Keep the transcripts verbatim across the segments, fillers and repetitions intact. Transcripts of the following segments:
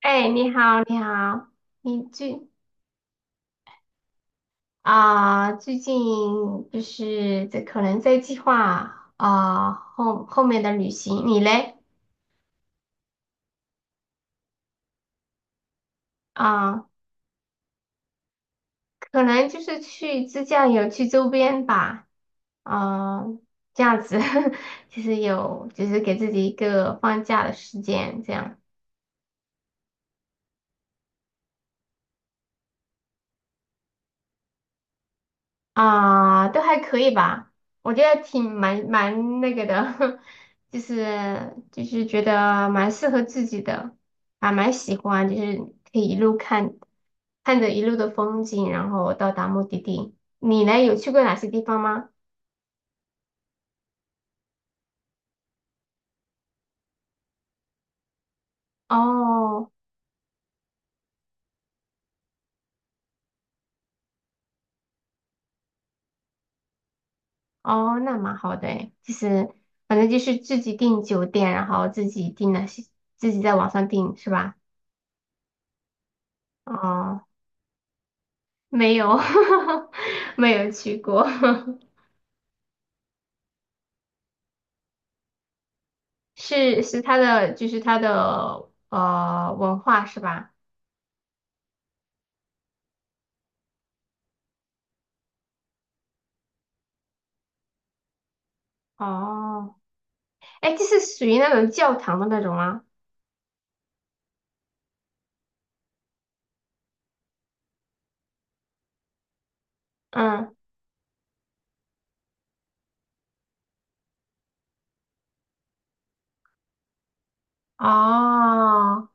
哎，你好，你好，你最啊、最近就是在可能在计划啊、后后面的旅行，你嘞啊、可能就是去自驾游去周边吧，啊、这样子 就是有就是给自己一个放假的时间，这样。啊，都还可以吧，我觉得挺蛮蛮那个的，就是就是觉得蛮适合自己的，还蛮喜欢，就是可以一路看看着一路的风景，然后到达目的地。你呢，有去过哪些地方吗？哦哦，那蛮好的诶就是反正就是自己订酒店，然后自己订那些，自己在网上订是吧？哦，没有，没有去过。是是他的，就是他的呃文化是吧？哦，哎，这是属于那种教堂的那种吗？嗯，哦，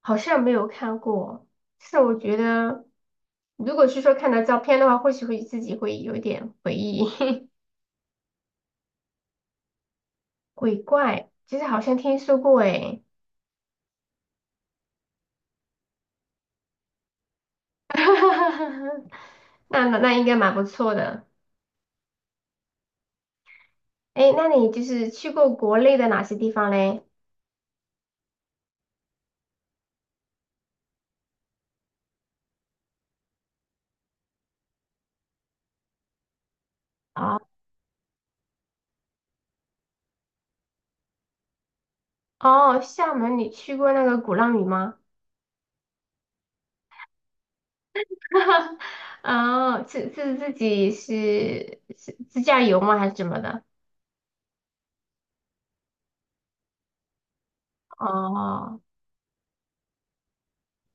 好像没有看过。是我觉得，如果是说看到照片的话，或许会自己会有一点回忆。鬼怪，其实好像听说过哎。那那那应该蛮不错的。哎，那你就是去过国内的哪些地方嘞？哦哦，厦门你去过那个鼓浪屿吗？哦，是是自己是是自驾游吗？还是怎么的？哦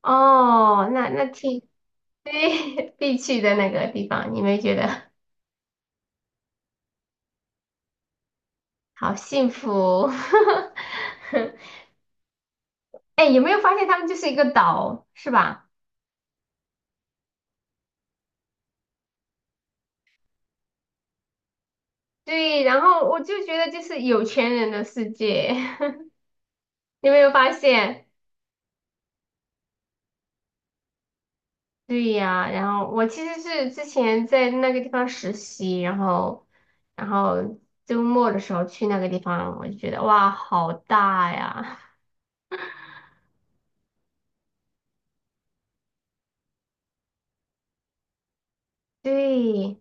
哦，那那挺对 必去的那个地方，你没觉得好幸福？哎，有没有发现他们就是一个岛，是吧？对，然后我就觉得就是有钱人的世界，你有没有发现？对呀，然后我其实是之前在那个地方实习，然后，然后周末的时候去那个地方，我就觉得哇，好大呀！对，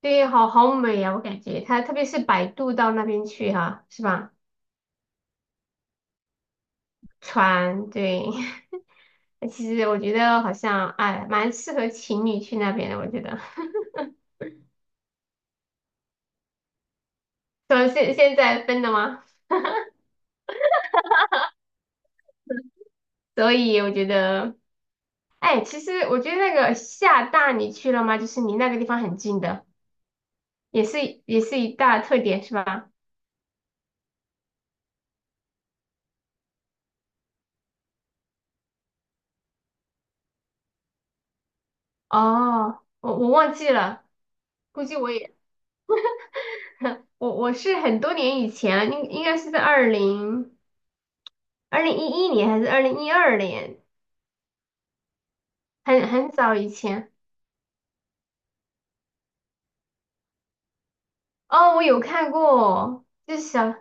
对，好好美呀，我感觉它特别是摆渡到那边去哈、是吧？船，对，那其实我觉得好像哎，蛮适合情侣去那边的，我觉得。所以现现在分了吗？所以我觉得，哎，其实我觉得那个厦大你去了吗？就是离那个地方很近的。也是也是一大特点是吧？哦，我我忘记了，估计我也 我我是很多年以前了，应应该是在二零二零一一年还是二零一二年，很很早以前。哦，我有看过，就是小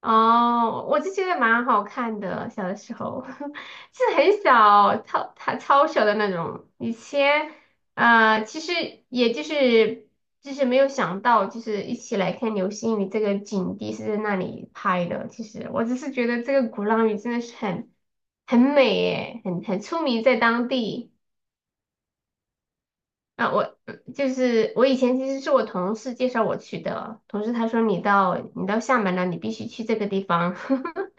哦，我就觉得蛮好看的，小的时候 是很小，超它超小的那种。以前，呃，其实也就是就是没有想到，就是一起来看流星雨这个景地是在那里拍的。其实我只是觉得这个鼓浪屿真的是很很美耶，很很出名在当地。啊，我就是我以前其实是我同事介绍我去的，同事他说你到你到厦门了，你必须去这个地方。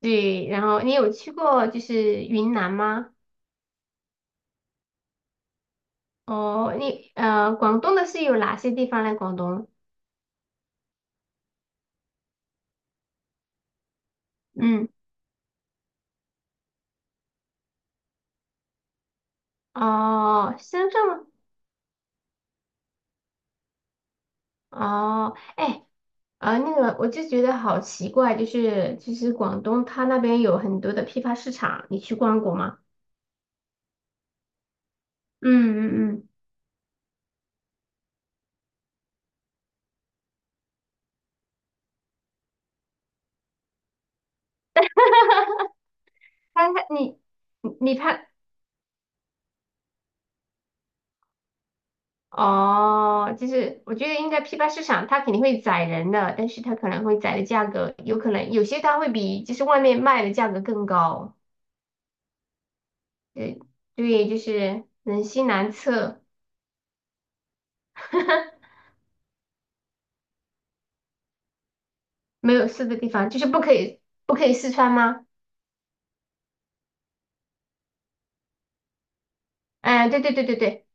对，然后你有去过就是云南吗？哦，你呃，广东的是有哪些地方呢？广东，嗯，哦，深圳吗？哦，哎，呃，那个我就觉得好奇怪，就是就是广东它那边有很多的批发市场，你去逛过吗？嗯嗯嗯，它它你你你看，哦，就是我觉得应该批发市场它肯定会宰人的，但是它可能会宰的价格，有可能有些它会比就是外面卖的价格更高。对对，就是人心难测，没有试的地方，就是不可以不可以试穿吗？哎，对对对对对，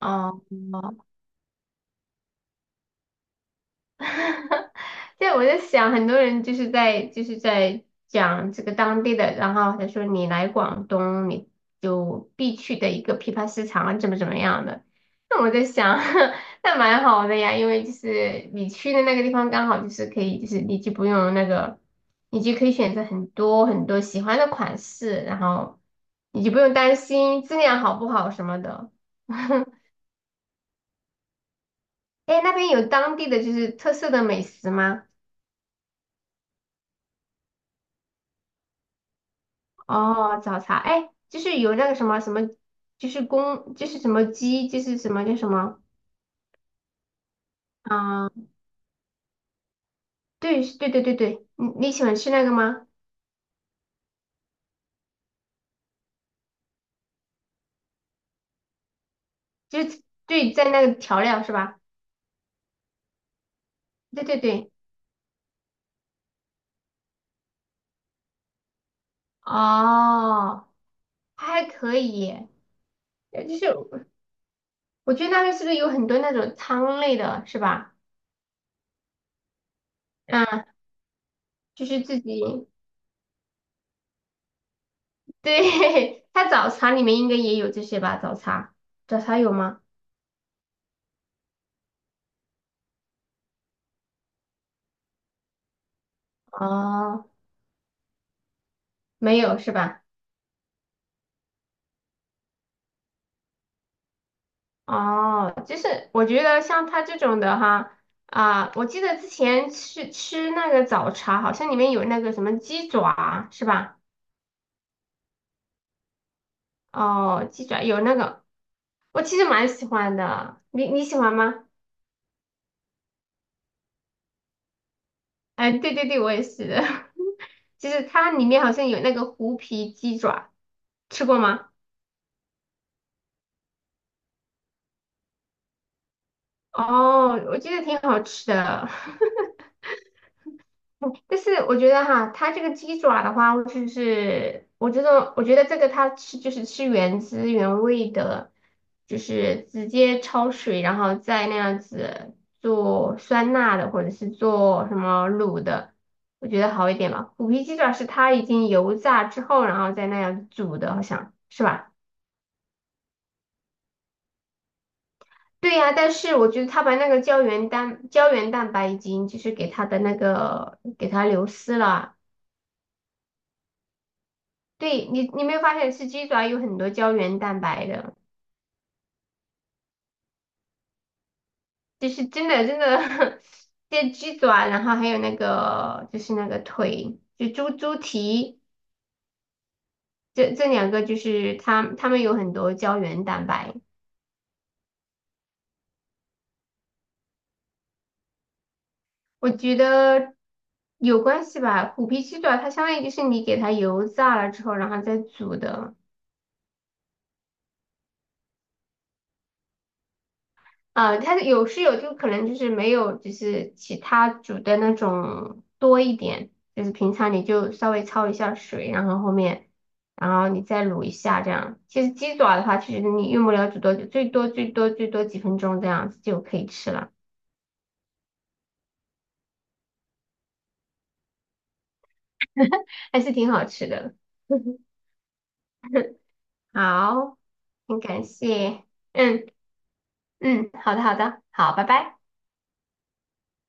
哦，对，我在想，很多人就是在就是在讲这个当地的，然后他说你来广东，你就必去的一个批发市场啊，怎么怎么样的。那我在想，那蛮好的呀，因为就是你去的那个地方刚好就是可以，就是你就不用那个，你就可以选择很多很多喜欢的款式，然后你就不用担心质量好不好什么的。哎那边有当地的就是特色的美食吗？哦，早茶，哎，就是有那个什么什么，就是公，就是什么鸡，就是什么叫什么啊？对，对对对对，你你喜欢吃那个吗？就是对，在那个调料是吧？对对对，哦，还可以耶呃就是我觉得那边是不是有很多那种汤类的，是吧？嗯，就是自己，对，它早茶里面应该也有这些吧？早茶，早茶有吗？哦，没有是吧？哦，就是我觉得像他这种的哈，啊、我记得之前吃吃那个早茶，好像里面有那个什么鸡爪，是吧？哦，鸡爪有那个，我其实蛮喜欢的，你你喜欢吗？哎，对对对，我也是的，就是它里面好像有那个虎皮鸡爪，吃过吗？哦，我觉得挺好吃的。但是我觉得哈，它这个鸡爪的话，就是我觉得，我觉得这个它吃就是吃原汁原味的，就是直接焯水，然后再那样子做酸辣的，或者是做什么卤的，我觉得好一点吧。虎皮鸡爪是它已经油炸之后，然后再那样煮的，好像是吧？对呀，但是我觉得它把那个胶原蛋胶原蛋白已经就是给它的那个给它流失了，对你，你没有发现吃鸡爪有很多胶原蛋白的，就是真的真的，这鸡爪，然后还有那个就是那个腿，就猪猪蹄，这这两个就是它它们有很多胶原蛋白，我觉得有关系吧。虎皮鸡爪它相当于就是你给它油炸了之后，然后再煮的。啊，它有是有，就可能就是没有，就是其他煮的那种多一点，就是平常你就稍微焯一下水，然后后面，然后你再卤一下这样。其实鸡爪的话，其实你用不了煮多久，最多最多最多几分钟这样子就可以吃了，还是挺好吃的。好，很感谢，嗯嗯，好的好的，好，拜拜。